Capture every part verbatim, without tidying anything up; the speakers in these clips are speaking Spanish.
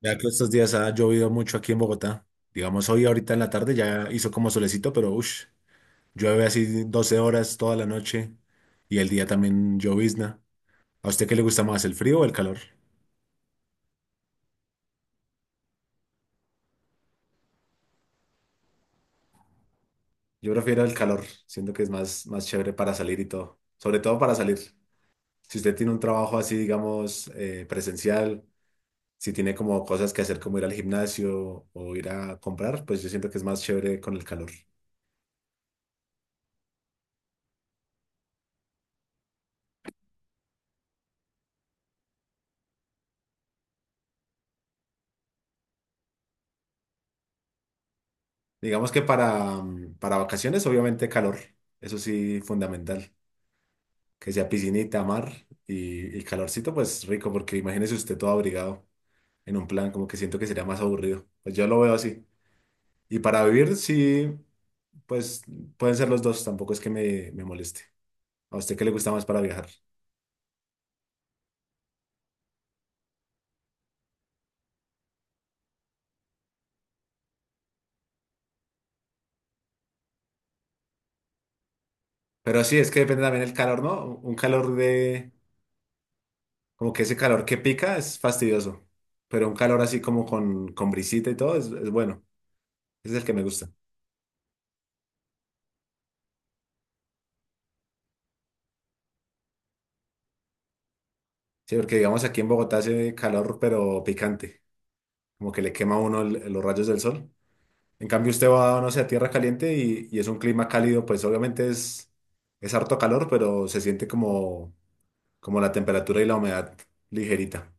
Ya que estos días ha llovido mucho aquí en Bogotá. Digamos, hoy ahorita en la tarde ya hizo como solecito, pero uff, llueve así doce horas toda la noche y el día también llovizna. ¿A usted qué le gusta más, el frío o el calor? Yo prefiero el calor, siento que es más, más chévere para salir y todo, sobre todo para salir. Si usted tiene un trabajo así, digamos, eh, presencial, si tiene como cosas que hacer como ir al gimnasio o ir a comprar, pues yo siento que es más chévere con el calor. Digamos que para, mm, para vacaciones, obviamente calor, eso sí, fundamental. Que sea piscinita, mar y, y calorcito, pues rico, porque imagínese usted todo abrigado en un plan, como que siento que sería más aburrido. Pues yo lo veo así. Y para vivir, sí, pues pueden ser los dos, tampoco es que me, me moleste. ¿A usted qué le gusta más para viajar? Pero sí, es que depende también el calor, ¿no? Un calor de, como que ese calor que pica es fastidioso, pero un calor así como con, con brisita y todo es, es bueno. Ese es el que me gusta. Sí, porque digamos aquí en Bogotá hace calor, pero picante, como que le quema a uno el- los rayos del sol. En cambio, usted va, no sé, a tierra caliente y, y es un clima cálido, pues obviamente es, es harto calor, pero se siente como, como la temperatura y la humedad ligerita.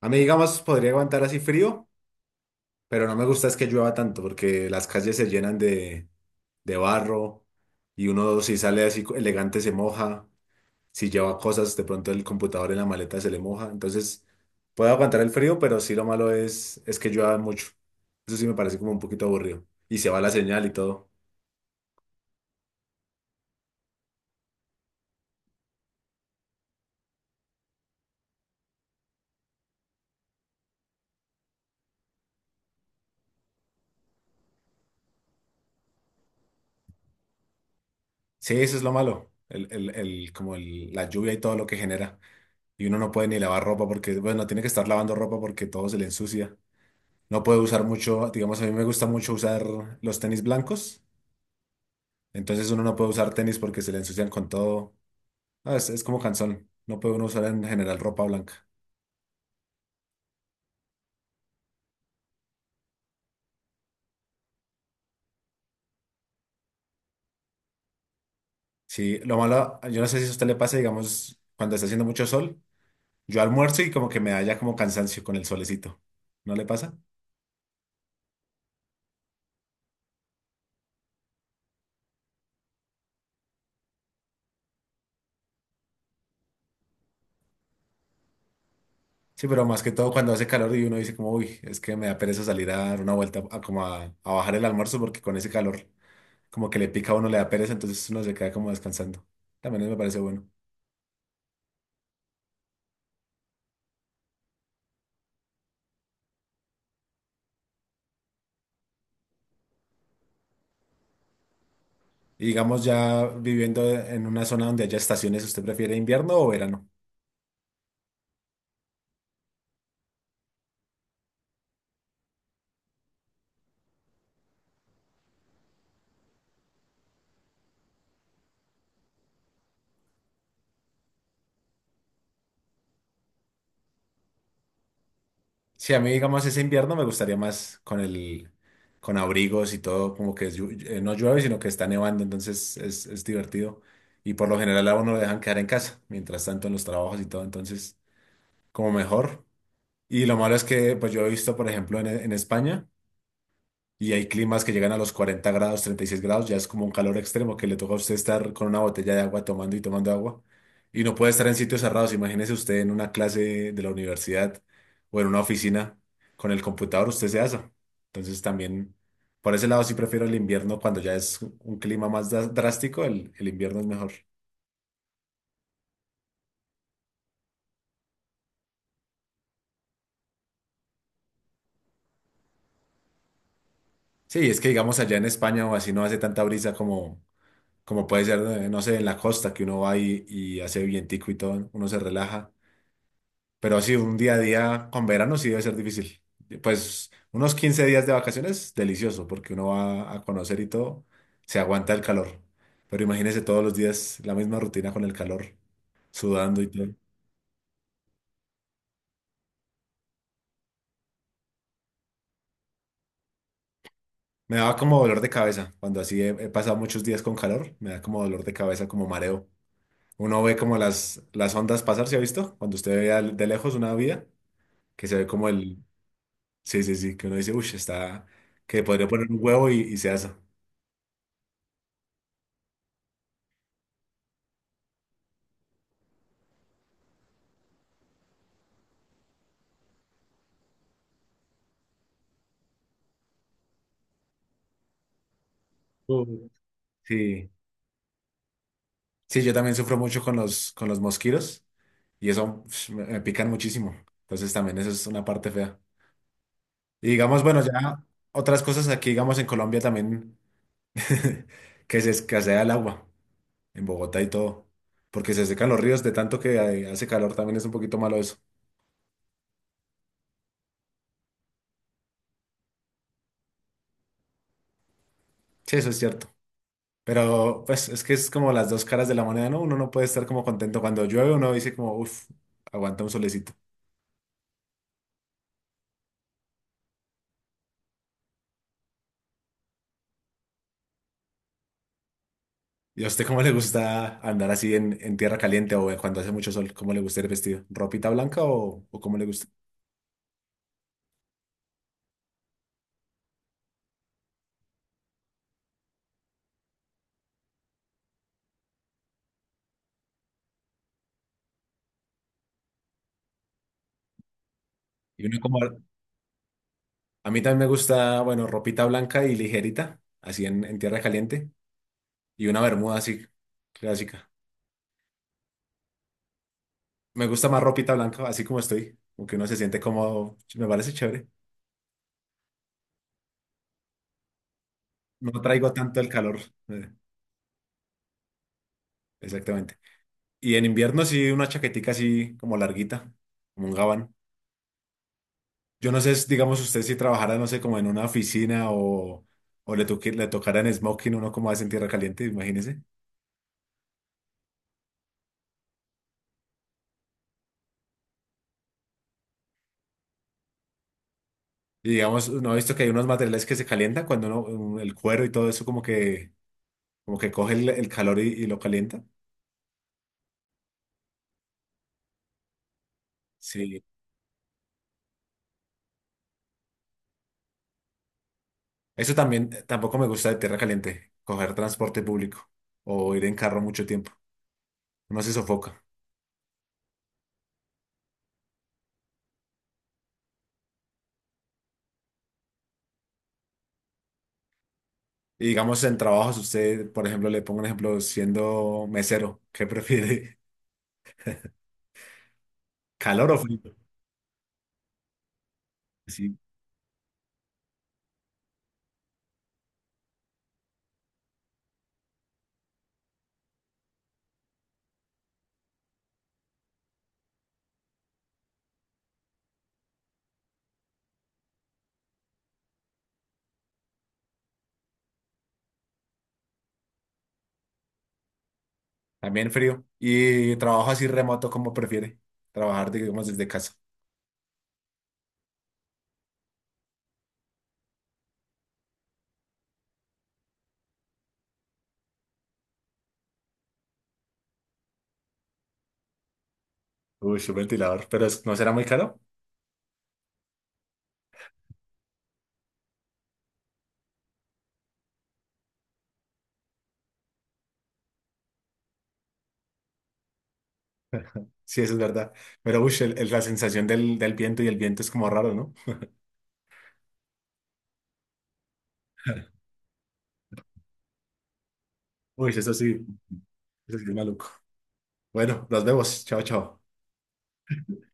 A mí, digamos, podría aguantar así frío, pero no me gusta es que llueva tanto, porque las calles se llenan de, de barro y uno si sale así elegante se moja. Si lleva cosas, de pronto el computador en la maleta se le moja. Entonces, puede aguantar el frío, pero sí lo malo es, es que llueva mucho. Eso sí me parece como un poquito aburrido. Y se va la señal y todo. Sí, eso es lo malo. El, el, el, como el- la lluvia y todo lo que genera. Y uno no puede ni lavar ropa porque, bueno, tiene que estar lavando ropa porque todo se le ensucia. No puede usar mucho, digamos, a mí me gusta mucho usar los tenis blancos. Entonces uno no puede usar tenis porque se le ensucian con todo. Ah, es, es como cansón. No puede uno usar en general ropa blanca. Sí, lo malo, yo no sé si a usted le pasa, digamos, cuando está haciendo mucho sol, yo almuerzo y como que me da ya como cansancio con el solecito. ¿No le pasa? Sí, pero más que todo cuando hace calor y uno dice como, uy, es que me da pereza salir a dar una vuelta, a como a, a bajar el almuerzo porque con ese calor como que le pica a uno, le da pereza, entonces uno se queda como descansando. También me parece bueno. Y digamos, ya viviendo en una zona donde haya estaciones, ¿usted prefiere invierno o verano? Sí, a mí, digamos, ese invierno me gustaría más con el, con abrigos y todo, como que llu- eh, no llueve, sino que está nevando, entonces es, es divertido. Y por lo general a uno lo dejan quedar en casa, mientras tanto en los trabajos y todo, entonces como mejor. Y lo malo es que, pues yo he visto, por ejemplo, en, en España, y hay climas que llegan a los cuarenta grados, treinta y seis grados, ya es como un calor extremo que le toca a usted estar con una botella de agua tomando y tomando agua. Y no puede estar en sitios cerrados. Imagínese usted en una clase de la universidad o en una oficina con el computador, usted se asa. Entonces también, por ese lado sí prefiero el invierno cuando ya es un clima más dra- drástico, el, el invierno es mejor. Sí, es que digamos allá en España o así no hace tanta brisa como, como puede ser, eh, no sé, en la costa que uno va y, y hace vientico y todo, uno se relaja. Pero sí, un día a día con verano sí debe ser difícil. Pues unos quince días de vacaciones, delicioso, porque uno va a conocer y todo, se aguanta el calor. Pero imagínese todos los días la misma rutina con el calor, sudando y todo. Me daba como dolor de cabeza. Cuando así he, he pasado muchos días con calor, me da como dolor de cabeza, como mareo. Uno ve como las, las ondas pasar, ¿se ha visto? Cuando usted ve al- de lejos una vía, que se ve como el... Sí, sí, sí, que uno dice, uff, está... que podría poner un huevo y, y se asa. Uh, Sí, sí, yo también sufro mucho con los, con los mosquitos y eso pf, me, me pican muchísimo. Entonces también eso es una parte fea. Y digamos, bueno, ya otras cosas aquí, digamos, en Colombia también, que se escasea el agua, en Bogotá y todo, porque se secan los ríos de tanto que hay- hace calor, también es un poquito malo eso. Sí, eso es cierto. Pero pues es que es como las dos caras de la moneda, ¿no? Uno no puede estar como contento cuando llueve, uno dice como, uff, aguanta un solecito. ¿Y a usted cómo le gusta andar así en, en tierra caliente o cuando hace mucho sol? ¿Cómo le gusta ir vestido? ¿Ropita blanca o, o cómo le gusta? Y uno como- a mí también me gusta, bueno, ropita blanca y ligerita, así en, en tierra caliente, y una bermuda así clásica. Me gusta más ropita blanca, así como estoy, porque uno se siente cómodo, me parece chévere. No traigo tanto el calor, eh, exactamente. Y en invierno sí una chaquetica así como larguita, como un gabán. Yo no sé, si, digamos, usted si trabajara, no sé, como en una oficina o, o le, toque- le tocara en smoking, uno como hace en tierra caliente, imagínese. Y digamos, no he visto que hay unos materiales que se calientan cuando uno, un- el cuero y todo eso como que, como que coge el, el calor y, y lo calienta. Sí. Eso también, eh, tampoco me gusta de tierra caliente, coger transporte público o ir en carro mucho tiempo. Uno se sofoca. Y digamos, en trabajos, usted, por ejemplo, le pongo un ejemplo, siendo mesero, ¿qué prefiere? ¿Calor o frío? Sí. También frío. Y trabajo así remoto como prefiere. Trabajar, digamos, desde casa. Uy, un ventilador. Pero es- ¿no será muy caro? Sí, eso es verdad. Pero uy, el- el- la sensación del, del viento y el viento es como raro, ¿no? Uy, eso sí, eso sí es maluco. Bueno, nos vemos. Chao, chao.